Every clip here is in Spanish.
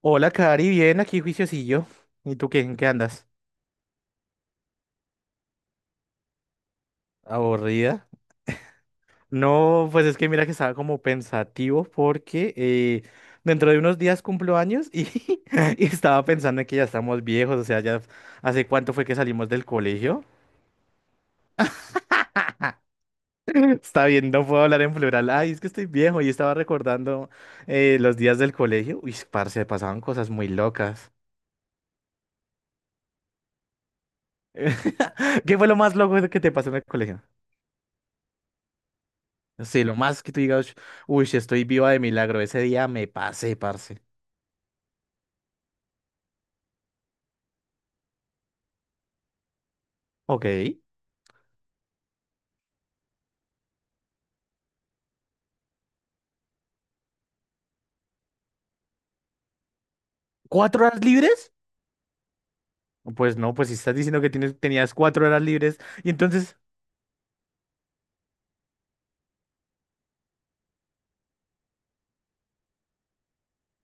Hola, Cari, bien, aquí juiciosillo. ¿Y tú qué, en qué andas? ¿Aburrida? No, pues es que mira que estaba como pensativo porque dentro de unos días cumplo años y, y estaba pensando en que ya estamos viejos, o sea, ya hace cuánto fue que salimos del colegio. Está bien, no puedo hablar en plural. Ay, es que estoy viejo y estaba recordando los días del colegio. Uy, parce, pasaban cosas muy locas. ¿Qué fue lo más loco que te pasó en el colegio? Sí, lo más que tú digas, uy, si estoy viva de milagro, ese día me pasé, parce. Ok. ¿Cuatro horas libres? Pues no, pues si estás diciendo que tenías cuatro horas libres y entonces,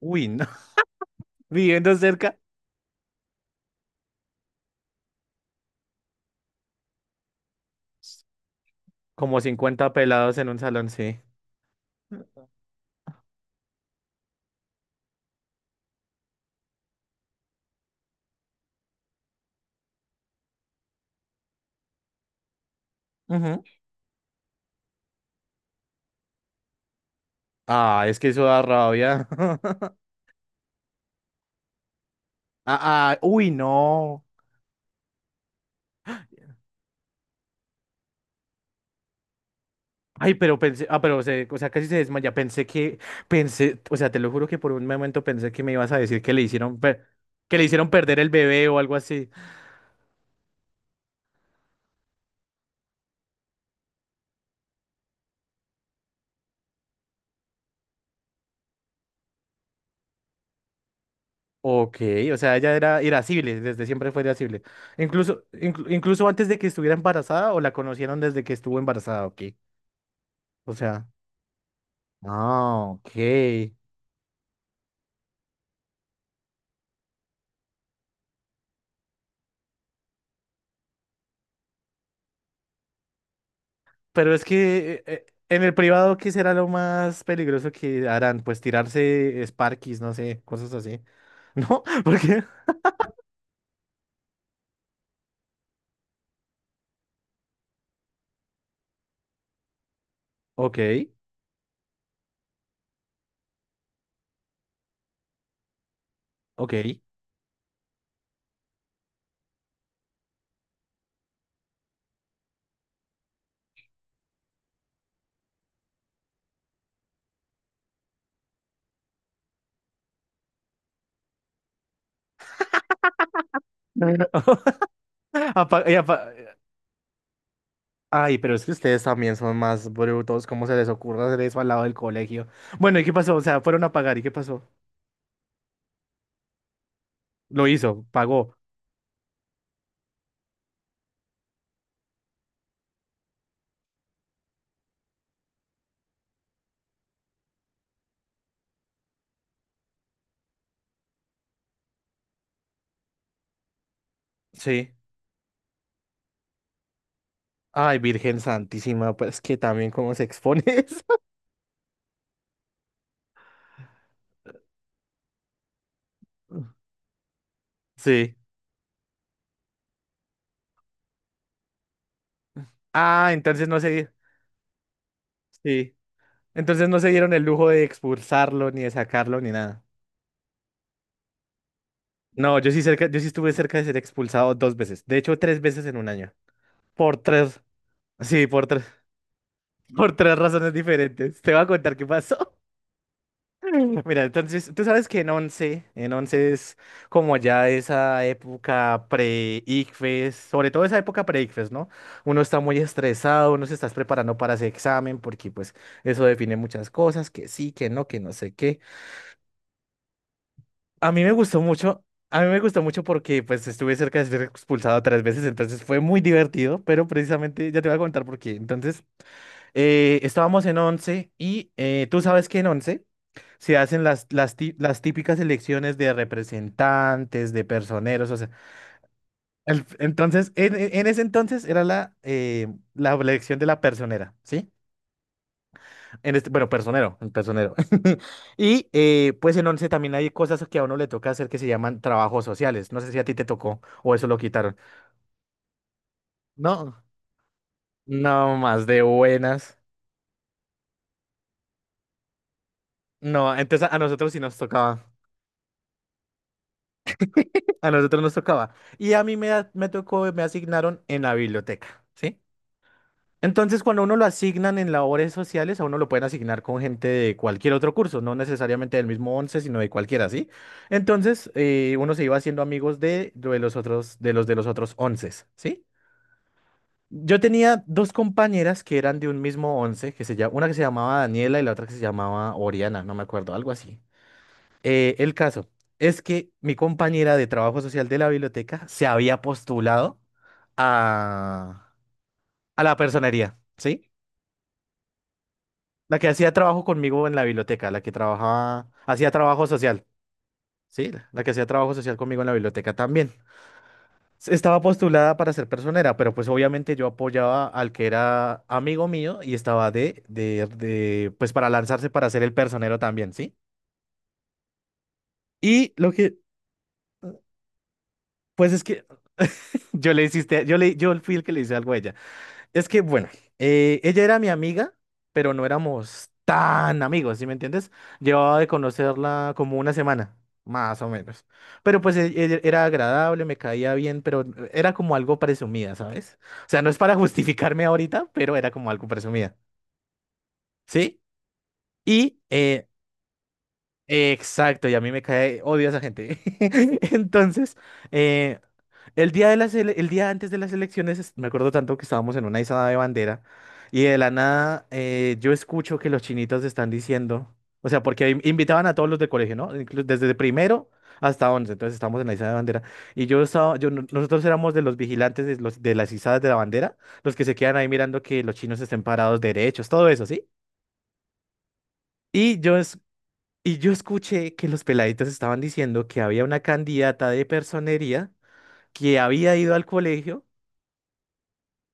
uy, no, viviendo cerca, como 50 pelados en un salón, sí. Ujú. Ah, es que eso da rabia. Ah, ah, uy, no. Ay, pero pensé, ah, o sea, casi se desmaya. Pensé, o sea, te lo juro que por un momento pensé que me ibas a decir que que le hicieron perder el bebé o algo así. Ok, o sea, ella era irascible, desde siempre fue irascible. Incluso antes de que estuviera embarazada o la conocieron desde que estuvo embarazada, ok. O sea, ah, ok. Pero es que en el privado, ¿qué será lo más peligroso que harán? Pues tirarse Sparkies, no sé, cosas así. ¿No? ¿Por qué? Ok, ok. Apa- y apa- eh, Ay, pero es que ustedes también son más brutos. ¿Cómo se les ocurre hacer eso al lado del colegio? Bueno, ¿y qué pasó? O sea, fueron a pagar, ¿y qué pasó? Lo hizo, pagó. Sí. Ay, Virgen Santísima, pues que también cómo se expone eso. Sí. Ah, entonces no se. Sí. Entonces no se dieron el lujo de expulsarlo, ni de sacarlo, ni nada. No, yo sí estuve cerca de ser expulsado dos veces. De hecho, tres veces en un año. Por tres. Sí, por tres. Por tres razones diferentes. Te voy a contar qué pasó. Mira, entonces, tú sabes que en once es como ya esa época pre-ICFES, sobre todo esa época pre-ICFES, ¿no? Uno está muy estresado, uno se está preparando para ese examen porque pues eso define muchas cosas, que sí, que no sé qué. A mí me gustó mucho, a mí me gustó mucho porque pues estuve cerca de ser expulsado tres veces, entonces fue muy divertido, pero precisamente ya te voy a contar por qué. Entonces, estábamos en once y tú sabes que en once se hacen las típicas elecciones de representantes, de personeros, o sea, entonces, en ese entonces era la elección de la personera, ¿sí? En este, bueno, personero, el personero. Y pues en once también hay cosas que a uno le toca hacer que se llaman trabajos sociales. No sé si a ti te tocó o eso lo quitaron. No, no más de buenas. No, entonces a nosotros sí nos tocaba. A nosotros nos tocaba. Y a mí me tocó, me asignaron en la biblioteca, ¿sí? Entonces, cuando uno lo asignan en labores sociales, a uno lo pueden asignar con gente de cualquier otro curso, no necesariamente del mismo 11, sino de cualquiera, ¿sí? Entonces, uno se iba haciendo amigos de los otros, de los otros 11, ¿sí? Yo tenía dos compañeras que eran de un mismo 11, una que se llamaba Daniela y la otra que se llamaba Oriana, no me acuerdo, algo así. El caso es que mi compañera de trabajo social de la biblioteca se había postulado a, a la personería, ¿sí? La que hacía trabajo conmigo en la biblioteca, la que trabajaba, hacía trabajo social, sí, la que hacía trabajo social conmigo en la biblioteca también. Estaba postulada para ser personera, pero pues obviamente yo apoyaba al que era amigo mío y estaba pues para lanzarse para ser el personero también, ¿sí? Y lo que, pues es que yo le hiciste, yo le, yo fui el que le hice algo a ella. Es que, bueno, ella era mi amiga, pero no éramos tan amigos, ¿sí me entiendes? Llevaba de conocerla como una semana, más o menos. Pero pues era agradable, me caía bien, pero era como algo presumida, ¿sabes? O sea, no es para justificarme ahorita, pero era como algo presumida, ¿sí? Y, exacto, y a mí me cae, odio a esa gente. Entonces, eh, el día antes de las elecciones, me acuerdo tanto que estábamos en una izada de bandera y de la nada yo escucho que los chinitos están diciendo, o sea, porque invitaban a todos los de colegio, ¿no? Desde primero hasta once, entonces estamos en la izada de bandera y yo estaba, yo no- nosotros éramos de los vigilantes de las izadas de la bandera, los que se quedan ahí mirando que los chinos estén parados derechos, todo eso, ¿sí? Y y yo escuché que los peladitos estaban diciendo que había una candidata de personería que había ido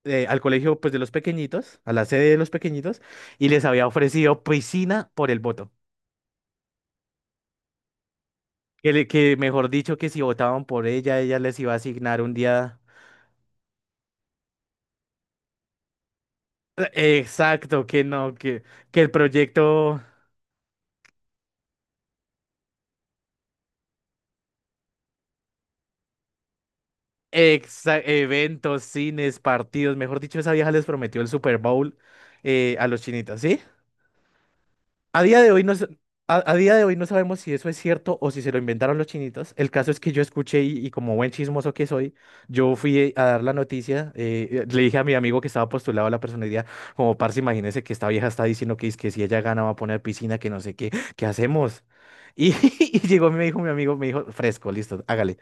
al colegio pues de los pequeñitos, a la sede de los pequeñitos, y les había ofrecido piscina por el voto. Que mejor dicho, que si votaban por ella, ella les iba a asignar un día. Exacto, que no, que el proyecto, eventos, cines, partidos, mejor dicho, esa vieja les prometió el Super Bowl, a los chinitos, ¿sí? A día de hoy no, a día de hoy no sabemos si eso es cierto o si se lo inventaron los chinitos. El caso es que yo escuché y como buen chismoso que soy, yo fui a dar la noticia. Le dije a mi amigo que estaba postulado a la personería, como parce, imagínese que esta vieja está diciendo que, es que si ella gana va a poner piscina, que no sé qué, ¿qué hacemos? Y, y llegó y me dijo mi amigo, me dijo, fresco, listo, hágale.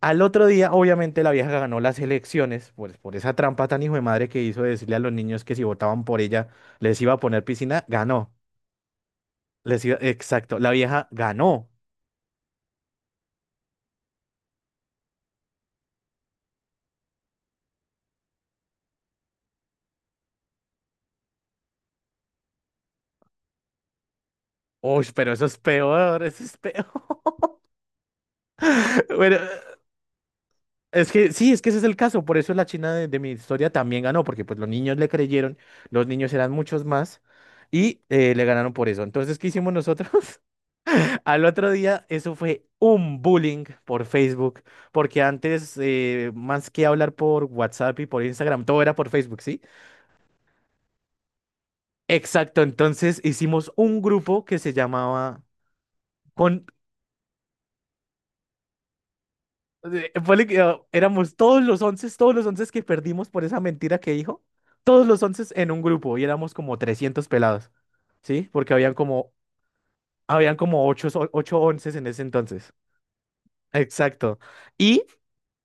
Al otro día, obviamente, la vieja ganó las elecciones, pues por esa trampa tan hijo de madre que hizo de decirle a los niños que si votaban por ella les iba a poner piscina, ganó. Exacto, la vieja ganó. Uy, pero eso es peor, eso es peor. Bueno, es que sí, es que ese es el caso. Por eso la China de mi historia también ganó, porque pues los niños le creyeron, los niños eran muchos más y le ganaron por eso. Entonces, ¿qué hicimos nosotros? Al otro día, eso fue un bullying por Facebook, porque antes, más que hablar por WhatsApp y por Instagram, todo era por Facebook, ¿sí? Exacto, entonces hicimos un grupo que se llamaba. Con Eh, ponle que, ah, éramos todos los once que perdimos por esa mentira que dijo, todos los once en un grupo y éramos como 300 pelados, ¿sí? Porque habían como ocho, ocho onces en ese entonces. Exacto. Y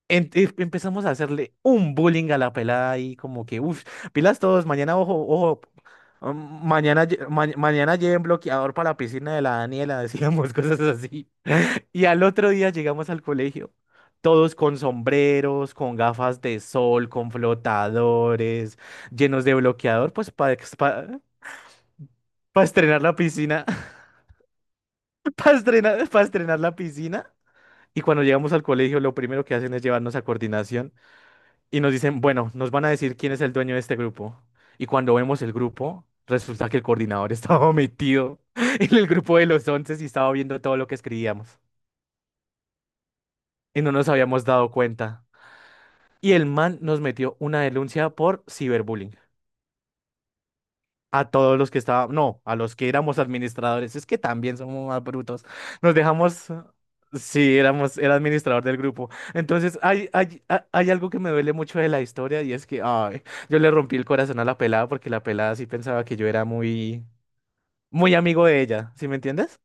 empezamos a hacerle un bullying a la pelada y como que, uff, pilas todos, mañana, ojo, ojo, mañana lleven bloqueador para la piscina de la Daniela, decíamos cosas así. Y al otro día llegamos al colegio, todos con sombreros, con gafas de sol, con flotadores, llenos de bloqueador, pues para estrenar la piscina, para estrenar la piscina. Y cuando llegamos al colegio, lo primero que hacen es llevarnos a coordinación y nos dicen, bueno, nos van a decir quién es el dueño de este grupo. Y cuando vemos el grupo, resulta que el coordinador estaba metido en el grupo de los once y estaba viendo todo lo que escribíamos. Y no nos habíamos dado cuenta. Y el man nos metió una denuncia por ciberbullying. A todos los que estaban, no, a los que éramos administradores. Es que también somos más brutos. Nos dejamos, sí, éramos, era administrador del grupo. Entonces, hay algo que me duele mucho de la historia y es que, ay, yo le rompí el corazón a la pelada porque la pelada sí pensaba que yo era muy, muy amigo de ella, ¿sí me entiendes?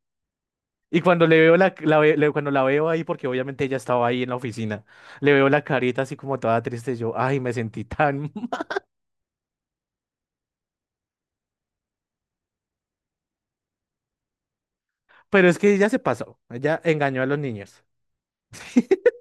Y cuando le veo la, la ve- le- cuando la veo ahí, porque obviamente ella estaba ahí en la oficina, le veo la carita así como toda triste, yo, ay, me sentí tan. Pero es que ya se pasó, ella engañó a los niños.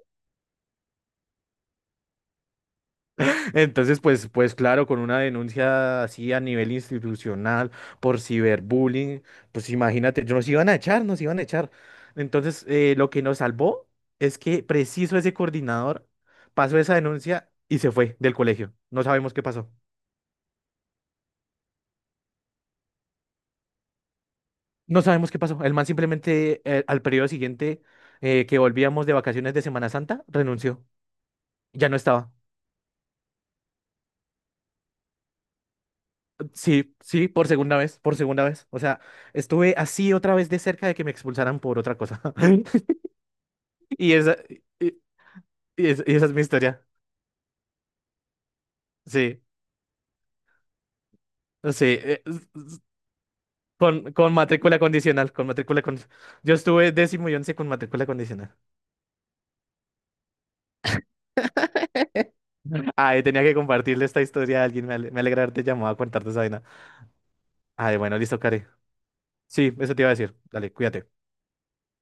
Entonces, pues claro, con una denuncia así a nivel institucional por ciberbullying, pues imagínate, nos iban a echar, nos iban a echar. Entonces, lo que nos salvó es que preciso ese coordinador pasó esa denuncia y se fue del colegio. No sabemos qué pasó. No sabemos qué pasó. El man simplemente al periodo siguiente que volvíamos de vacaciones de Semana Santa renunció. Ya no estaba. Sí, sí, por segunda vez, por segunda vez. O sea, estuve así otra vez de cerca de que me expulsaran por otra cosa. Y esa, y, y esa es mi historia. Sí, sí. Con matrícula condicional, con matrícula condicional. Yo estuve décimo y once con matrícula condicional. Ay, tenía que compartirle esta historia a alguien. Me alegra haberte llamado a contarte esa vaina. Ay, bueno, listo, Kare. Sí, eso te iba a decir. Dale, cuídate.